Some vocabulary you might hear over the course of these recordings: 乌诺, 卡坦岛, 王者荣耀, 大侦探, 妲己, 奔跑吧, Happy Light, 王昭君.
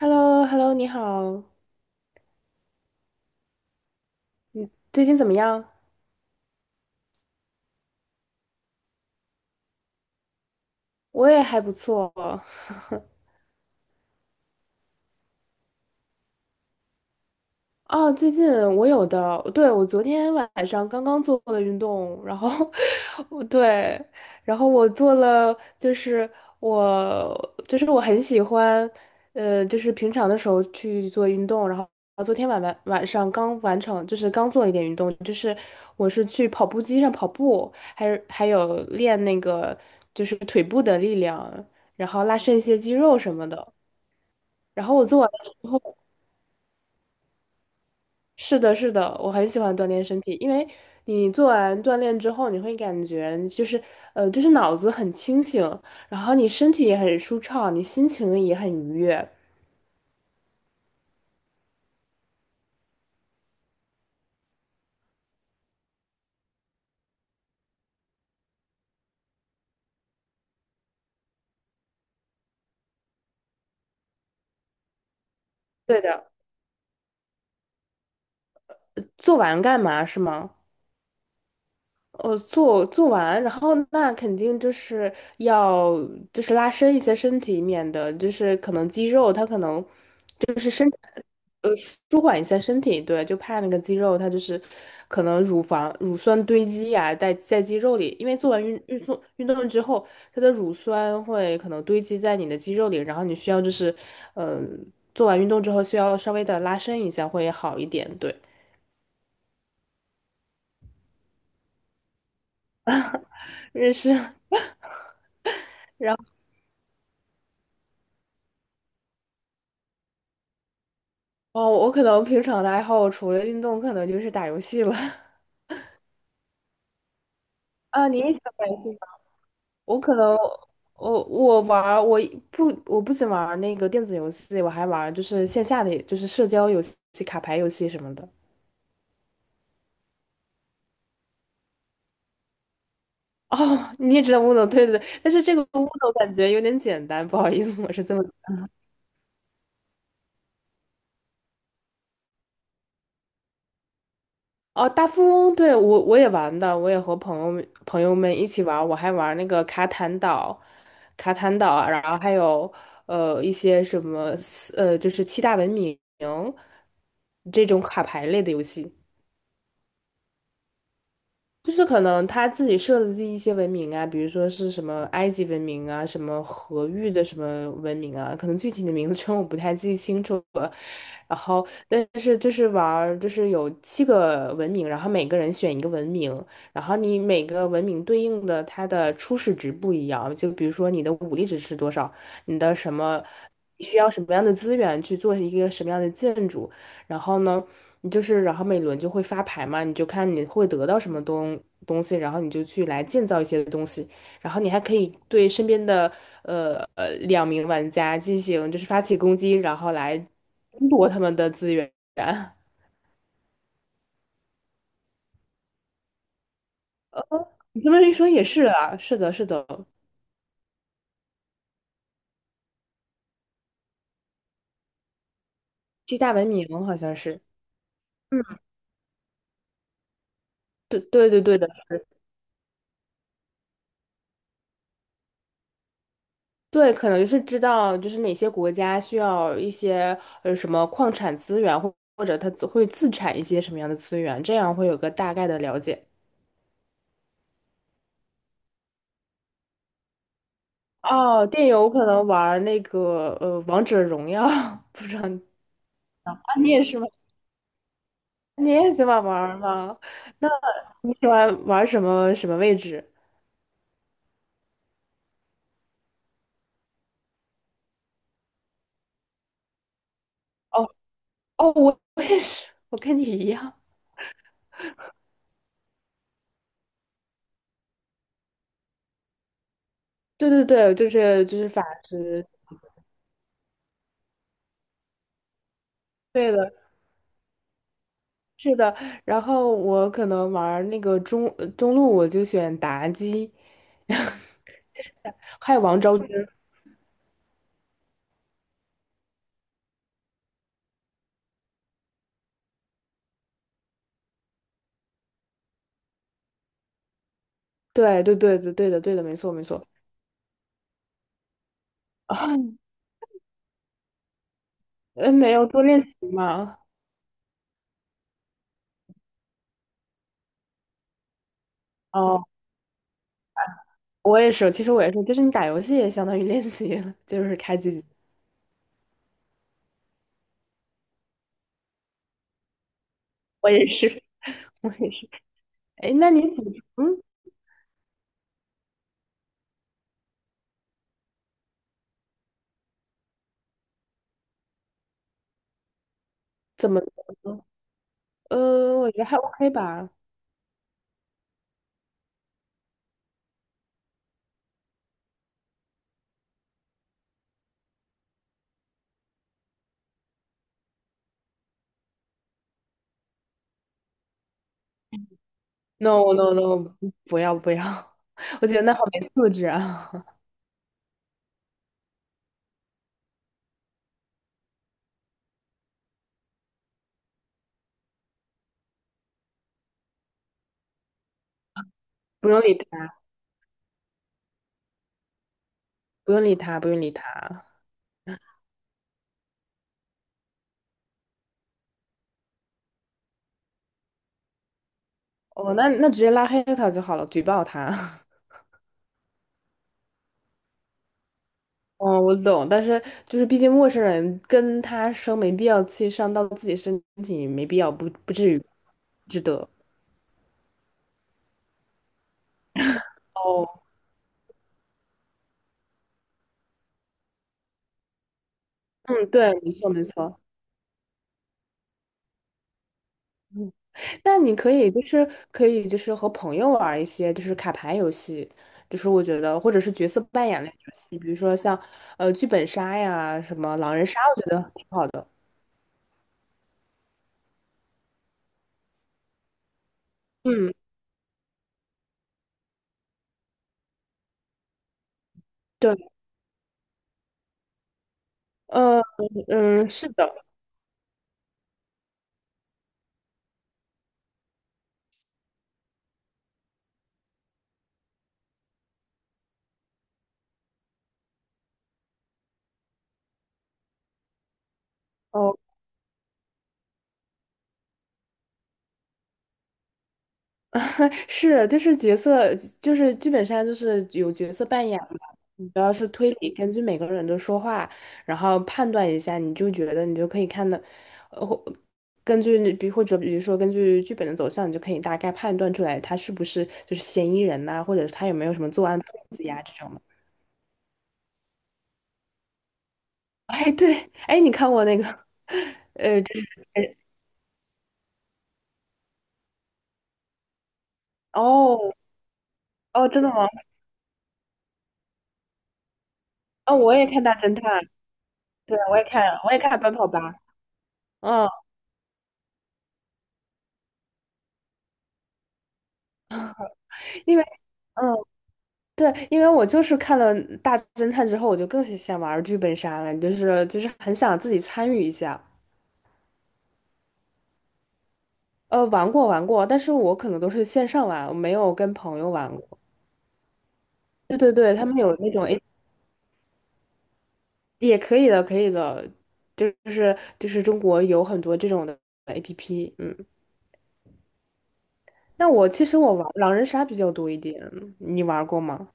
h e l l o h e l l o 你好，你最近怎么样？我也还不错。啊，最近我有的，对，我昨天晚上刚刚做了运动，然后 我对，然后我做了，我就是我很喜欢，就是平常的时候去做运动，然后昨天晚上刚完成，就是刚做了一点运动，就是我是去跑步机上跑步，还有练那个就是腿部的力量，然后拉伸一些肌肉什么的，然后我做完。是的，是的，我很喜欢锻炼身体，因为你做完锻炼之后，你会感觉就是，就是脑子很清醒，然后你身体也很舒畅，你心情也很愉悦。对的，做完干嘛是吗？完，然后那肯定就是要就是拉伸一些身体，免得就是可能肌肉它可能就是呃，舒缓一下身体，对，就怕那个肌肉它就是可能乳酸堆积呀、在肌肉里，因为做完运动之后，它的乳酸会可能堆积在你的肌肉里，然后你需要就是，呃，做完运动之后需要稍微的拉伸一下会好一点，对，认识 哦，我可能平常的爱好除了运动，可能就是打游戏了。啊，你也喜欢打游戏？我可能我我玩儿我不我不仅玩儿那个电子游戏，我还玩儿就是线下的就是社交游戏、卡牌游戏什么的。哦，你也知道乌诺，对对对，但是这个乌诺感觉有点简单，不好意思，我是这么。哦，大富翁，对，我也玩的，我也和朋友们一起玩儿我还玩儿那个卡坦岛，卡坦岛啊然后还有一些什么就是七大文明这种卡牌类的游戏。就是可能他自己设的计一些文明啊，比如说是什么埃及文明啊，什么河域的什么文明啊，可能具体的名称 我不太记清楚了。然后，但是就是玩儿就是有七个文明，然后每个人选一个文明，然后你每个文明对应的它的初始值不一样，就比如说你的武力值是多少，你的什么需要什么样的资源去做一个什么样的建筑。然后呢，你就是然后每轮就会发牌嘛，你就看你会得到什么东西，然后你就去来建造一些东西，然后你还可以对身边的两名玩家进行就是发起攻击，然后来争夺他们的资源。你这么一说也是啊，是的，是的，七大文明好像是，嗯，对对对对，的。对，可能是知道就是哪些国家需要一些什么矿产资源，或者它自会自产一些什么样的资源，这样会有个大概的了解。哦，电游可能玩儿那个《王者荣耀》，不知道你。啊，你也是吗？你也喜欢玩儿吗？那你喜欢玩儿什么什么位置？哦哦，我也是，我跟你一样。对对对，就是法师。对的，是的，然后我可能玩儿那个中路，我就选妲己，还有王昭君。对对对对对的对的，没错没错。啊，没有多练习嘛。哦，我也是，其实我也是，就是你打游戏也相当于练习了就是开机。我也是，我也是。哎，那你补充怎么呢？我觉得还 OK 吧。No no no，不要不要，我觉得那好没素质啊！不用理他，不用理他，不用理他。哦，那直接拉黑他就好了，举报他。哦，我懂，但是就是毕竟陌生人跟他生没必要气，伤到自己身体没必要，不至于，值得。哦，嗯，对，没错没错。嗯，那你可以就是可以就是和朋友玩儿一些就是卡牌游戏，就是我觉得或者是角色扮演类游戏，比如说像剧本杀呀，什么狼人杀，我觉得挺好的。嗯，对，呃嗯，是的。哦。是，就是角色，就是剧本上就是有角色扮演嘛。你主要是推理，根据每个人的说话，然后判断一下，你就觉得你就可以看的，呃，或根据比或者比如说根据剧本的走向，你就可以大概判断出来他是不是就是嫌疑人呐、或者是他有没有什么作案动机呀、这种的。哎，对，哎，你看过那个？哎，哦哦，真的吗？哦，我也看大侦探，对，我也看，我也看奔跑吧。嗯，因为。嗯。对，因为我就是看了《大侦探》之后，我就更想玩剧本杀了，就是很想自己参与一下。玩过玩过，但是我可能都是线上玩，我没有跟朋友玩过。对对对，他们有那种诶也可以的，可以的，就是中国有很多这种的 APP。嗯，那我其实我玩狼人杀比较多一点，你玩过吗？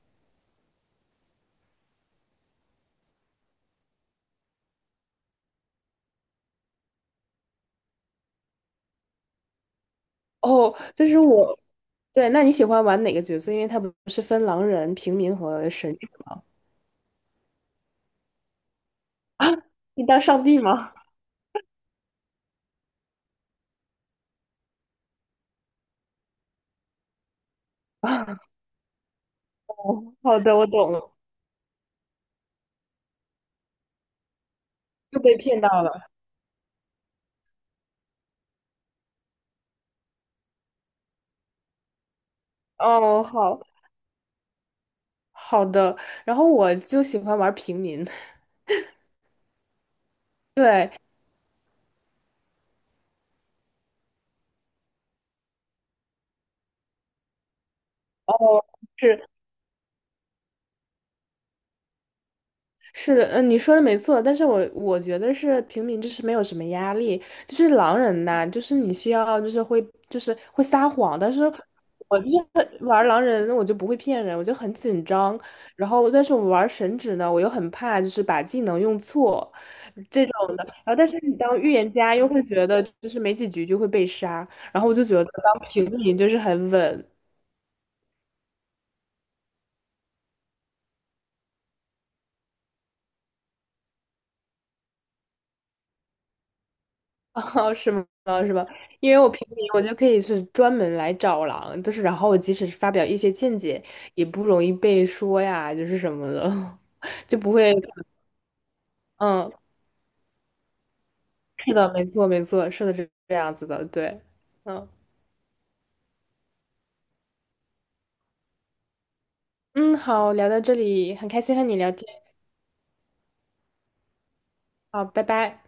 哦，就是我，对，那你喜欢玩哪个角色？因为它不是分狼人、平民和神，你当上帝吗？哦好的，我懂了，又被骗到了。哦，好好的。然后我就喜欢玩平民，对，哦，是是的，嗯，你说的没错，但是我觉得是平民就是没有什么压力，就是狼人呐、就是你需要就是会撒谎，但是我就是玩狼人，我就不会骗人，我就很紧张，然后但是我玩神职呢，我又很怕就是把技能用错这种的，然后但是你当预言家又会觉得就是没几局就会被杀，然后我就觉得当平民就是很稳。哦，是吗？哦是吧？因为我平民，我就可以是专门来找狼，就是然后我即使是发表一些见解，也不容易被说呀，就是什么的，就不会。嗯，是的，没错，没错，是的，是这样子的，对，嗯嗯，好，聊到这里，很开心和你聊天。好，拜拜。